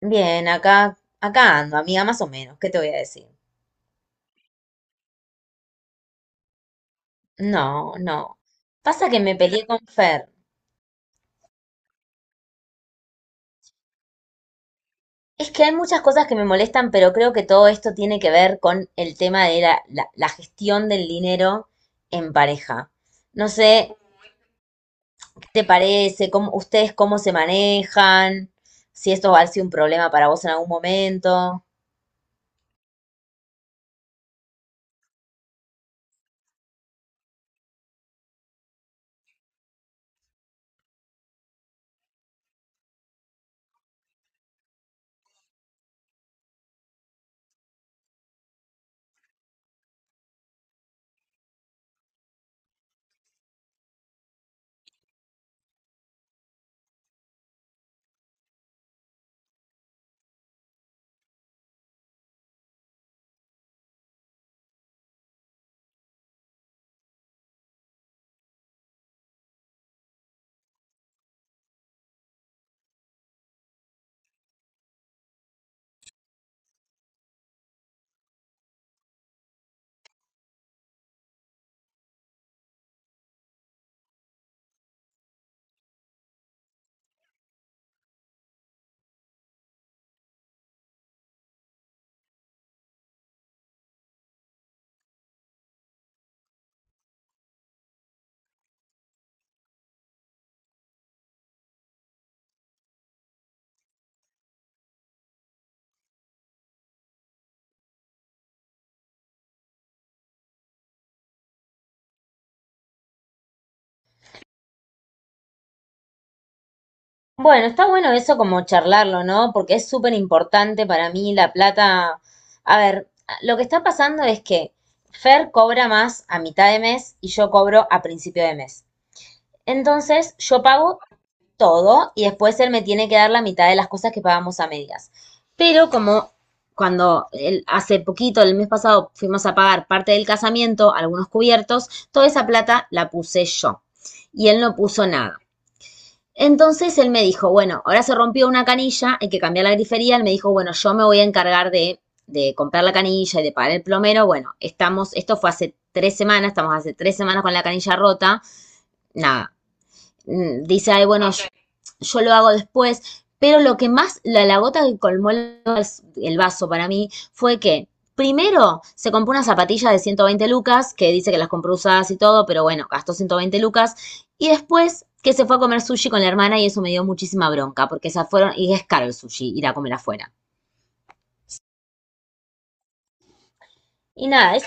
Bien, acá ando, amiga, más o menos. ¿Qué te voy a decir? No, no. Pasa que me peleé con Fer. Es que hay muchas cosas que me molestan, pero creo que todo esto tiene que ver con el tema de la gestión del dinero en pareja. No sé, ¿qué te parece? ¿Cómo, ustedes cómo se manejan? Si esto va a ser un problema para vos en algún momento. Bueno, está bueno eso como charlarlo, ¿no? Porque es súper importante para mí la plata. A ver, lo que está pasando es que Fer cobra más a mitad de mes y yo cobro a principio de mes. Entonces, yo pago todo y después él me tiene que dar la mitad de las cosas que pagamos a medias. Pero como cuando hace poquito, el mes pasado, fuimos a pagar parte del casamiento, algunos cubiertos, toda esa plata la puse yo y él no puso nada. Entonces él me dijo, bueno, ahora se rompió una canilla, hay que cambiar la grifería. Él me dijo, bueno, yo me voy a encargar de comprar la canilla y de pagar el plomero. Bueno, estamos, esto fue hace 3 semanas, estamos hace 3 semanas con la canilla rota. Nada, Mm, dice, ay, bueno, yo lo hago después, pero lo que más, la gota que colmó el vaso para mí fue que primero se compró una zapatilla de 120 lucas, que dice que las compró usadas y todo, pero bueno, gastó 120 lucas, y después que se fue a comer sushi con la hermana y eso me dio muchísima bronca, porque se fueron, y es caro el sushi, ir a comer afuera. Y nada,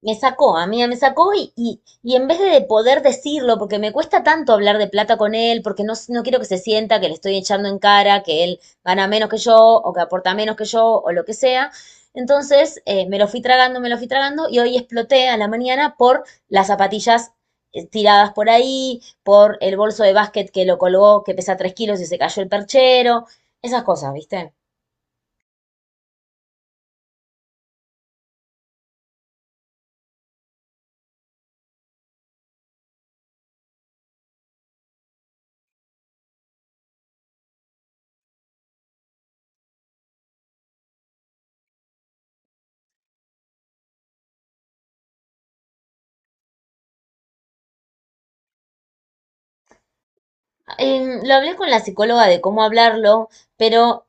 me sacó, amiga, me sacó y en vez de poder decirlo, porque me cuesta tanto hablar de plata con él, porque no, no quiero que se sienta que le estoy echando en cara, que él gana menos que yo, o que aporta menos que yo, o lo que sea. Entonces, me lo fui tragando, me lo fui tragando, y hoy exploté a la mañana por las zapatillas tiradas por ahí, por el bolso de básquet que lo colgó, que pesa 3 kilos y se cayó el perchero, esas cosas, ¿viste? Lo hablé con la psicóloga de cómo hablarlo, pero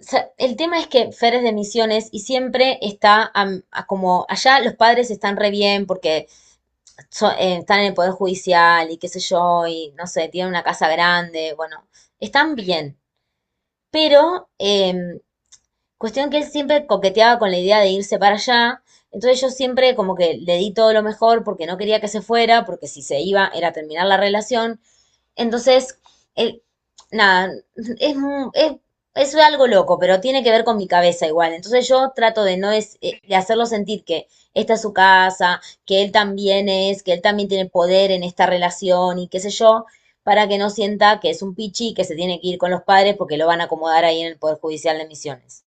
sea, el tema es que Fer es de Misiones y siempre está a como allá los padres están re bien porque están en el Poder Judicial y qué sé yo, y no sé, tienen una casa grande, bueno, están bien. Pero cuestión que él siempre coqueteaba con la idea de irse para allá, entonces yo siempre como que le di todo lo mejor porque no quería que se fuera, porque si se iba era terminar la relación, entonces, el- nada, es, es, es algo loco, pero tiene que ver con mi cabeza igual. Entonces yo trato de no es, de hacerlo sentir que esta es su casa, que él también es, que él también tiene poder en esta relación y qué sé yo, para que no sienta que es un pichi que se tiene que ir con los padres porque lo van a acomodar ahí en el Poder Judicial de Misiones.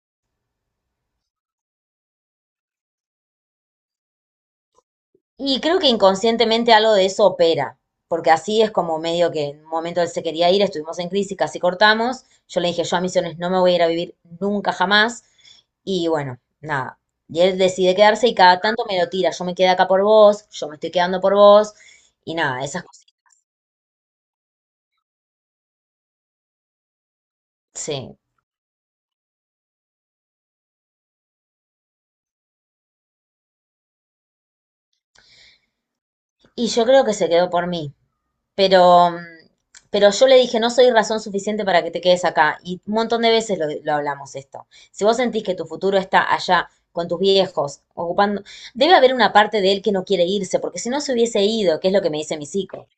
Y creo que inconscientemente algo de eso opera, porque así es como medio que en un momento él se quería ir, estuvimos en crisis, casi cortamos. Yo le dije, yo a Misiones no me voy a ir a vivir nunca jamás. Y bueno, nada. Y él decide quedarse y cada tanto me lo tira. Yo me quedé acá por vos, yo me estoy quedando por vos. Y nada, esas cosas. Sí. Y yo creo que se quedó por mí. Pero, pero yo le dije, no soy razón suficiente para que te quedes acá. Y un montón de veces lo hablamos esto. Si vos sentís que tu futuro está allá con tus viejos, ocupando, debe haber una parte de él que no quiere irse, porque si no se hubiese ido, que es lo que me dice mi psico.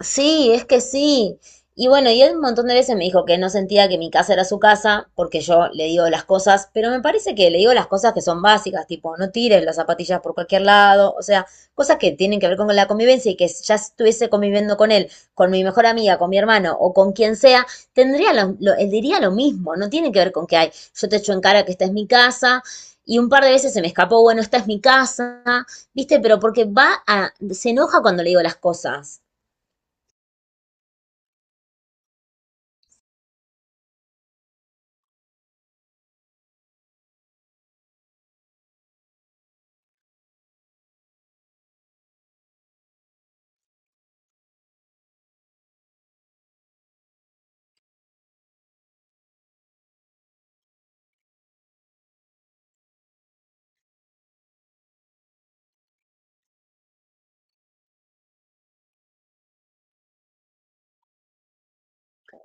Sí, es que sí. Y bueno, y él un montón de veces me dijo que no sentía que mi casa era su casa, porque yo le digo las cosas, pero me parece que le digo las cosas que son básicas, tipo, no tires las zapatillas por cualquier lado, o sea, cosas que tienen que ver con la convivencia y que si ya estuviese conviviendo con él, con mi mejor amiga, con mi hermano o con quien sea, tendría él diría lo mismo, no tiene que ver con que hay, yo te echo en cara que esta es mi casa. Y un par de veces se me escapó, bueno, esta es mi casa, ¿viste? Pero porque va a, se enoja cuando le digo las cosas.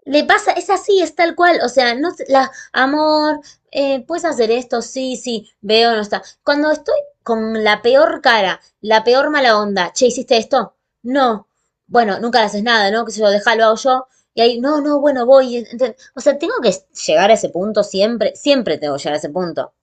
Le pasa, es así, es tal cual, o sea, no, la, amor, puedes hacer esto, sí, sí, veo, no está. Cuando estoy con la peor cara, la peor mala onda, che, ¿hiciste esto? No, bueno, nunca le haces nada, ¿no? Que se lo deja, lo hago yo, y ahí, no, no, bueno, o sea, tengo que llegar a ese punto siempre, siempre tengo que llegar a ese punto.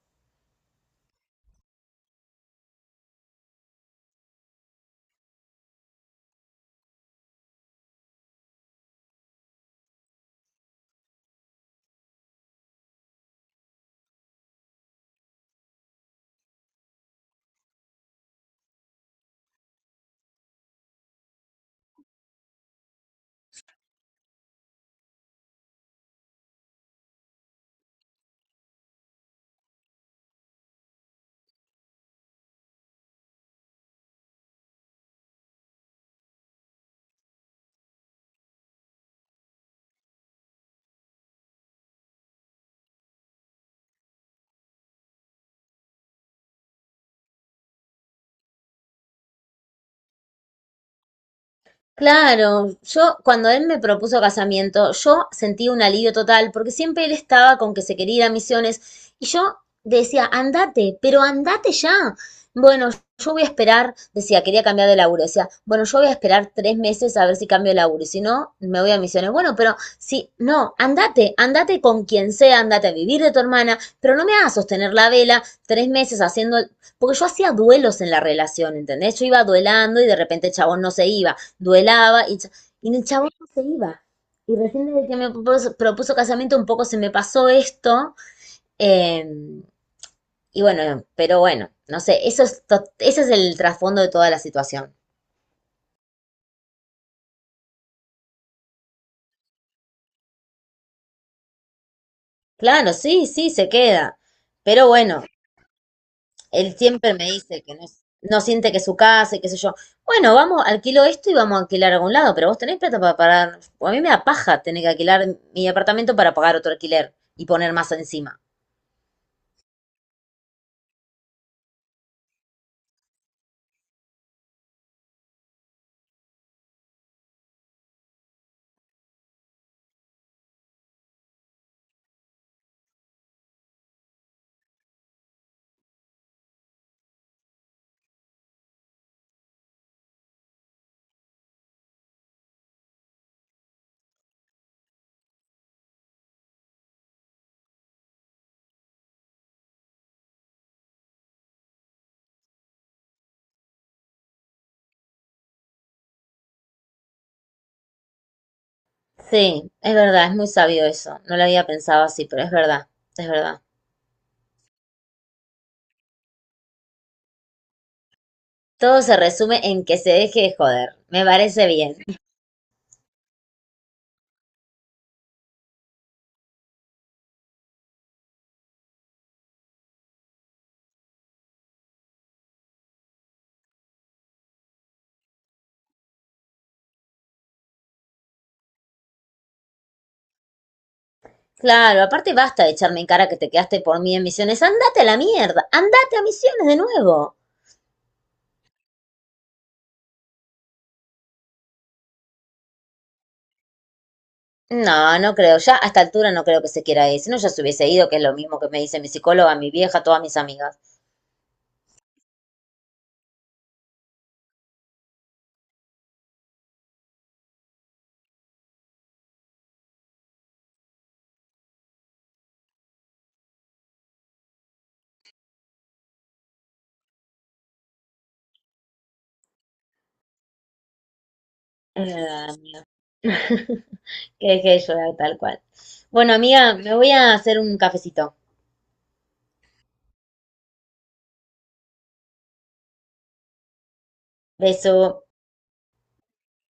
Claro, yo cuando él me propuso casamiento, yo sentí un alivio total, porque siempre él estaba con que se quería ir a Misiones, y yo decía, andate, pero andate ya. Bueno, yo voy a esperar, decía, quería cambiar de laburo, decía, bueno, yo voy a esperar 3 meses a ver si cambio de laburo, y si no, me voy a Misiones. Bueno, pero si, no, andate, andate con quien sea, andate a vivir de tu hermana, pero no me hagas sostener la vela 3 meses haciendo, porque yo hacía duelos en la relación, ¿entendés? Yo iba duelando y de repente el chabón no se iba duelaba y el chabón no se iba. Y recién desde que me propuso casamiento un poco se me pasó esto. eh, y bueno, pero bueno, no sé, eso es ese es el trasfondo de toda la situación. Claro, sí, sí, se queda. Pero bueno, él siempre me dice que no, no siente que es su casa y qué sé yo. Bueno, vamos, alquilo esto y vamos a alquilar a algún lado, pero vos tenés plata para pagar. A mí me da paja tener que alquilar mi apartamento para pagar otro alquiler y poner más encima. Sí, es verdad, es muy sabio eso. No lo había pensado así, pero es verdad, es verdad. Todo se resume en que se deje de joder. Me parece bien. Claro, aparte basta de echarme en cara que te quedaste por mí en Misiones. Andate a la mierda, andate a Misiones de nuevo. No, no creo, ya a esta altura no creo que se quiera ir. Si no, ya se hubiese ido, que es lo mismo que me dice mi psicóloga, mi vieja, todas mis amigas. Eh, que deje de llorar tal cual. Bueno, amiga, me voy a hacer un cafecito. Beso.